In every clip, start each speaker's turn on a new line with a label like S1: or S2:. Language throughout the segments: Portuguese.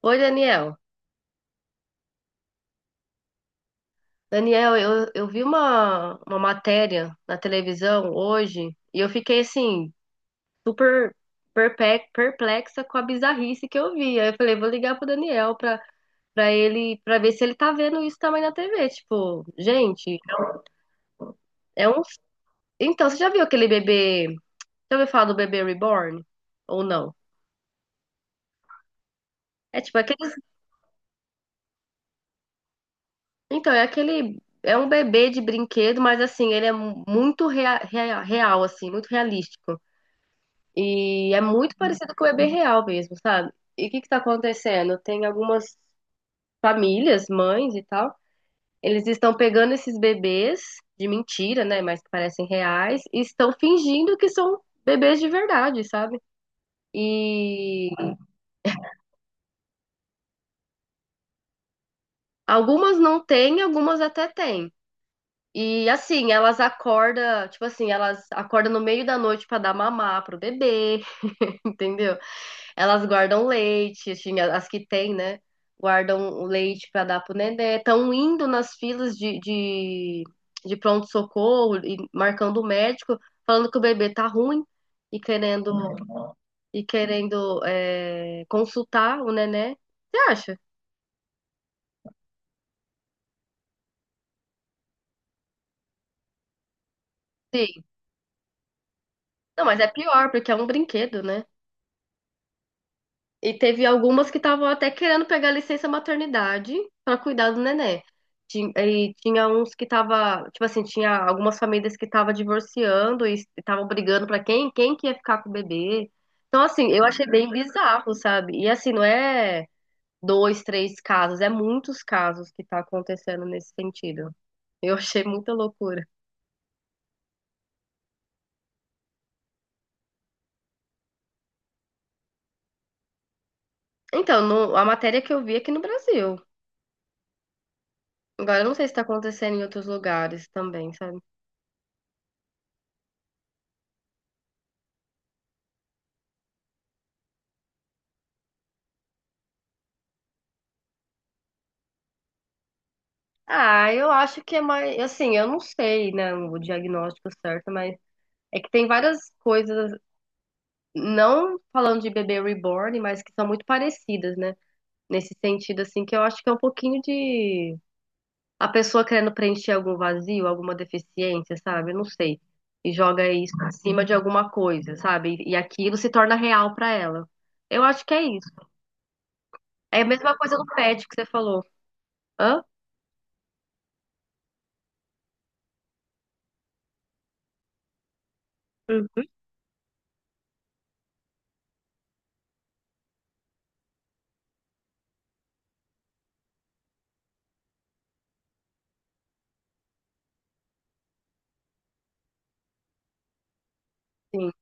S1: Oi, Daniel. Daniel, eu vi uma matéria na televisão hoje e eu fiquei assim, super perplexa com a bizarrice que eu vi. Aí eu falei, vou ligar pro Daniel pra, pra ele, pra ver se ele tá vendo isso também na TV. Tipo, gente, é um. Então, você já viu aquele bebê? Já ouviu falar do bebê reborn? Ou não? É tipo aqueles. Então, é aquele. É um bebê de brinquedo, mas assim, ele é muito real, assim, muito realístico. E é muito parecido com o bebê real mesmo, sabe? E o que que tá acontecendo? Tem algumas famílias, mães e tal, eles estão pegando esses bebês de mentira, né? Mas que parecem reais, e estão fingindo que são bebês de verdade, sabe? E algumas não têm, algumas até têm. E assim, elas acordam, tipo assim, elas acordam no meio da noite pra dar mamar pro bebê, entendeu? Elas guardam leite, assim, as que têm, né? Guardam o leite para dar pro nenê. Estão indo nas filas de pronto-socorro e marcando o médico, falando que o bebê tá ruim e querendo, e querendo é, consultar o nenê. Você acha? Sim. Não, mas é pior, porque é um brinquedo, né? E teve algumas que estavam até querendo pegar licença maternidade para cuidar do neném. E tinha uns que tava, tipo assim, tinha algumas famílias que estavam divorciando e estavam brigando para quem que ia ficar com o bebê. Então, assim, eu achei bem bizarro, sabe? E assim, não é dois, três casos, é muitos casos que tá acontecendo nesse sentido. Eu achei muita loucura. Então, a matéria que eu vi é aqui no Brasil. Agora, eu não sei se tá acontecendo em outros lugares também, sabe? Ah, eu acho que é mais, assim, eu não sei, né, o diagnóstico certo, mas é que tem várias coisas, não falando de bebê reborn, mas que são muito parecidas, né? Nesse sentido, assim, que eu acho que é um pouquinho de a pessoa querendo preencher algum vazio, alguma deficiência, sabe? Eu não sei. E joga isso em cima de alguma coisa, sabe? E aquilo se torna real pra ela. Eu acho que é isso. É a mesma coisa do pet que você falou. Hã? Uhum. Sim.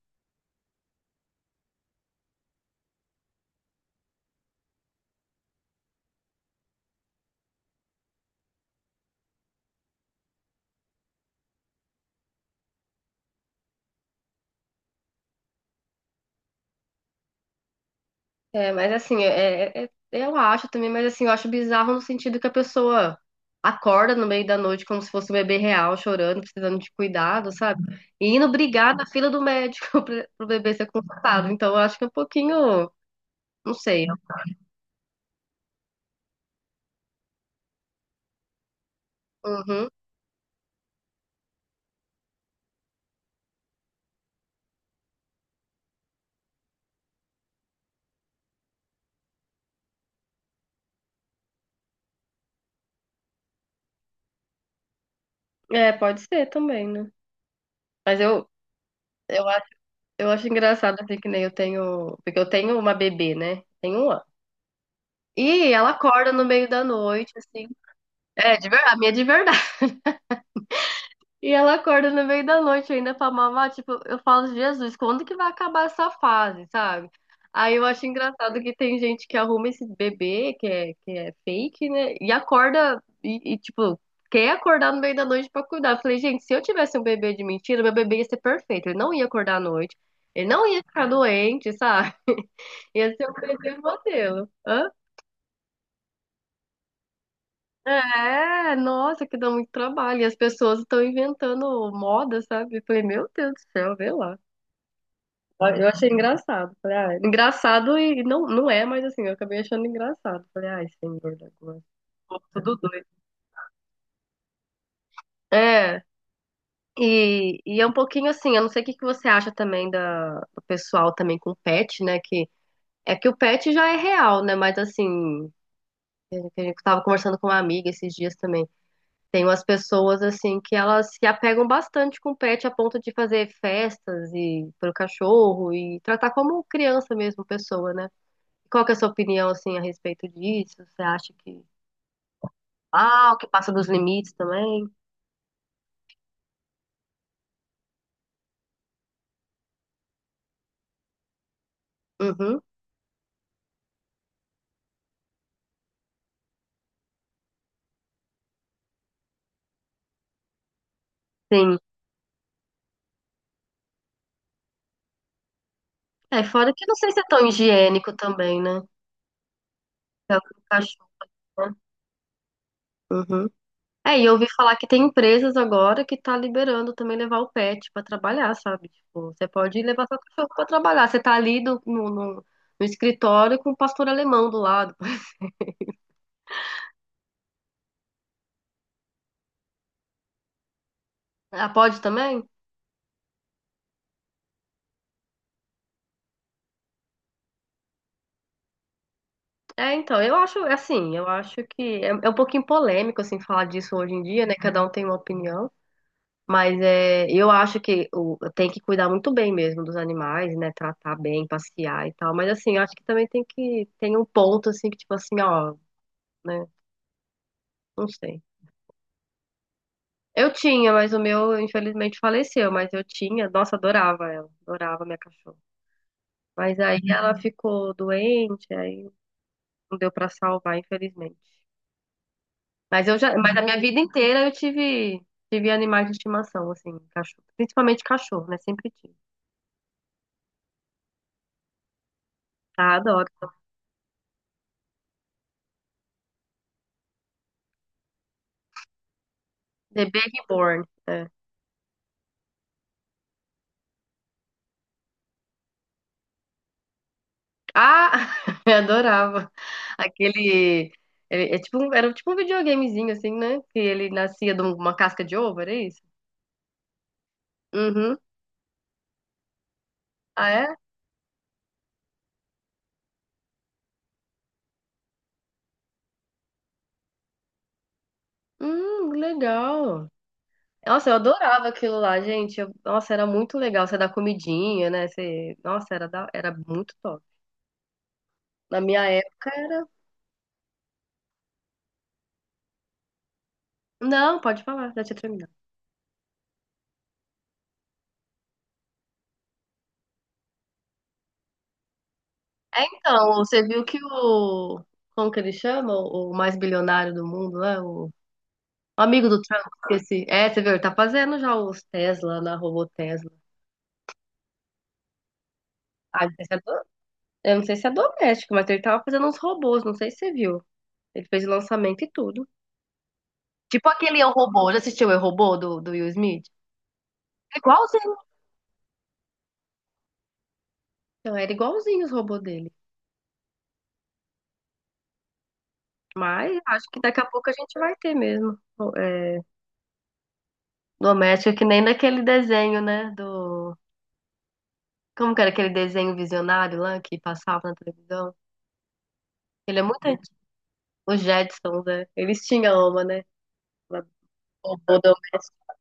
S1: É, mas assim, é, eu acho também, mas assim, eu acho bizarro no sentido que a pessoa acorda no meio da noite como se fosse um bebê real, chorando, precisando de cuidado, sabe? E indo brigar na fila do médico pro bebê ser consultado. Então, eu acho que é um pouquinho, não sei. Uhum. É, pode ser também, né? Mas eu, eu acho, eu acho engraçado, assim, que nem eu tenho, porque eu tenho uma bebê, né? Tenho um ano. E ela acorda no meio da noite, assim. É, de verdade, a minha é de verdade. E ela acorda no meio da noite ainda pra mamar. Tipo, eu falo, Jesus, quando que vai acabar essa fase, sabe? Aí eu acho engraçado que tem gente que arruma esse bebê, que é fake, né? E acorda, tipo, quer acordar no meio da noite pra cuidar. Eu falei, gente, se eu tivesse um bebê de mentira, meu bebê ia ser perfeito. Ele não ia acordar à noite, ele não ia ficar doente, sabe? Ia ser um bebê modelo. Hã? É, nossa, que dá muito trabalho. E as pessoas estão inventando moda, sabe? Eu falei, meu Deus do céu, vê lá. Eu achei engraçado. Falei, ah, engraçado e não, não é, mas assim, eu acabei achando engraçado. Falei, ai, senhor da glória. Ficou tudo doido. É, e é um pouquinho assim, eu não sei o que que você acha também do pessoal também com pet, né? Que é que o pet já é real, né? Mas assim, é que a gente tava conversando com uma amiga esses dias também. Tem umas pessoas assim que elas se apegam bastante com o pet a ponto de fazer festas e pro cachorro e tratar como criança mesmo, pessoa, né? Qual que é a sua opinião, assim, a respeito disso? Você acha que, ah, que passa dos limites também? Uhum, sim. É, fora que eu não sei se é tão higiênico também, né? É o cachorro, né? Uhum. É, e eu ouvi falar que tem empresas agora que tá liberando também levar o pet pra trabalhar, sabe? Tipo, você pode levar seu cachorro pra trabalhar. Você tá ali no no escritório com o pastor alemão do lado. Ah, pode também? É, então, eu acho, é assim, eu acho é um pouquinho polêmico, assim, falar disso hoje em dia, né? Cada um tem uma opinião. Mas é, eu acho que o, tem que cuidar muito bem mesmo dos animais, né? Tratar bem, passear e tal. Mas assim, eu acho que também tem que tem um ponto assim que tipo assim, ó, né? Não sei. Eu tinha, mas o meu infelizmente faleceu, mas eu tinha, nossa, adorava ela, adorava minha cachorra. Mas aí ela uhum ficou doente, aí não deu pra salvar, infelizmente. Mas eu já, mas a minha vida inteira eu tive tive animais de estimação assim, cachorro, principalmente cachorro, né? Sempre tive. Ah, adoro. The Baby Born. Né. Ah, eu adorava. Aquele. É tipo, era tipo um videogamezinho, assim, né? Que ele nascia de um, uma casca de ovo, era isso? Uhum. Ah, é? Legal. Nossa, eu adorava aquilo lá, gente. Nossa, era muito legal. Você dá comidinha, né? Você, nossa, era, era muito top. Na minha época era. Não, pode falar, já tinha terminado. É, então, você viu que o. Como que ele chama? O mais bilionário do mundo, né? O amigo do Trump, esqueci. É, você viu, ele tá fazendo já os Tesla na robô Tesla. Ah, não sei se é eu não sei se é doméstico, mas ele tava fazendo uns robôs, não sei se você viu. Ele fez o lançamento e tudo. Tipo aquele Eu, Robô, já assistiu o Eu, Robô do Will Smith? É igualzinho. Então, era igualzinho os robôs dele. Mas acho que daqui a pouco a gente vai ter mesmo. É, doméstica, que nem naquele desenho, né? Do. Como que era aquele desenho visionário lá que passava na televisão? Ele é muito antigo. Os Jetsons, né? Eles tinham uma, né? Ou doméstico.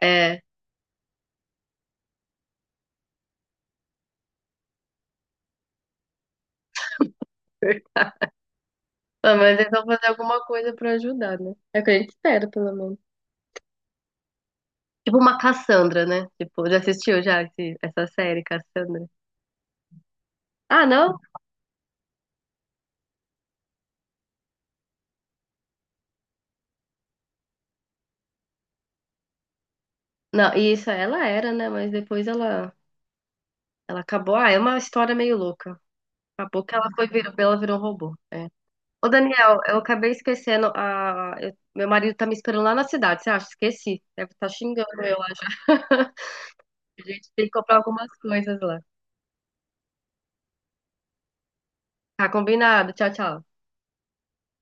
S1: É. Pelo menos eles vão fazer alguma coisa pra ajudar, né? É o que a gente espera, pelo menos. Tipo uma Cassandra, né? Tipo, já assistiu já essa série, Cassandra? Ah, não? Não, isso, ela era, né? Mas depois ela, ela acabou. Ah, é uma história meio louca. Acabou que ela foi, virou, ela virou um robô. É. Ô, Daniel, eu acabei esquecendo. A, meu marido tá me esperando lá na cidade, você acha? Esqueci. Deve estar xingando eu lá já. A gente tem que comprar algumas coisas lá. Tá combinado. Tchau, tchau.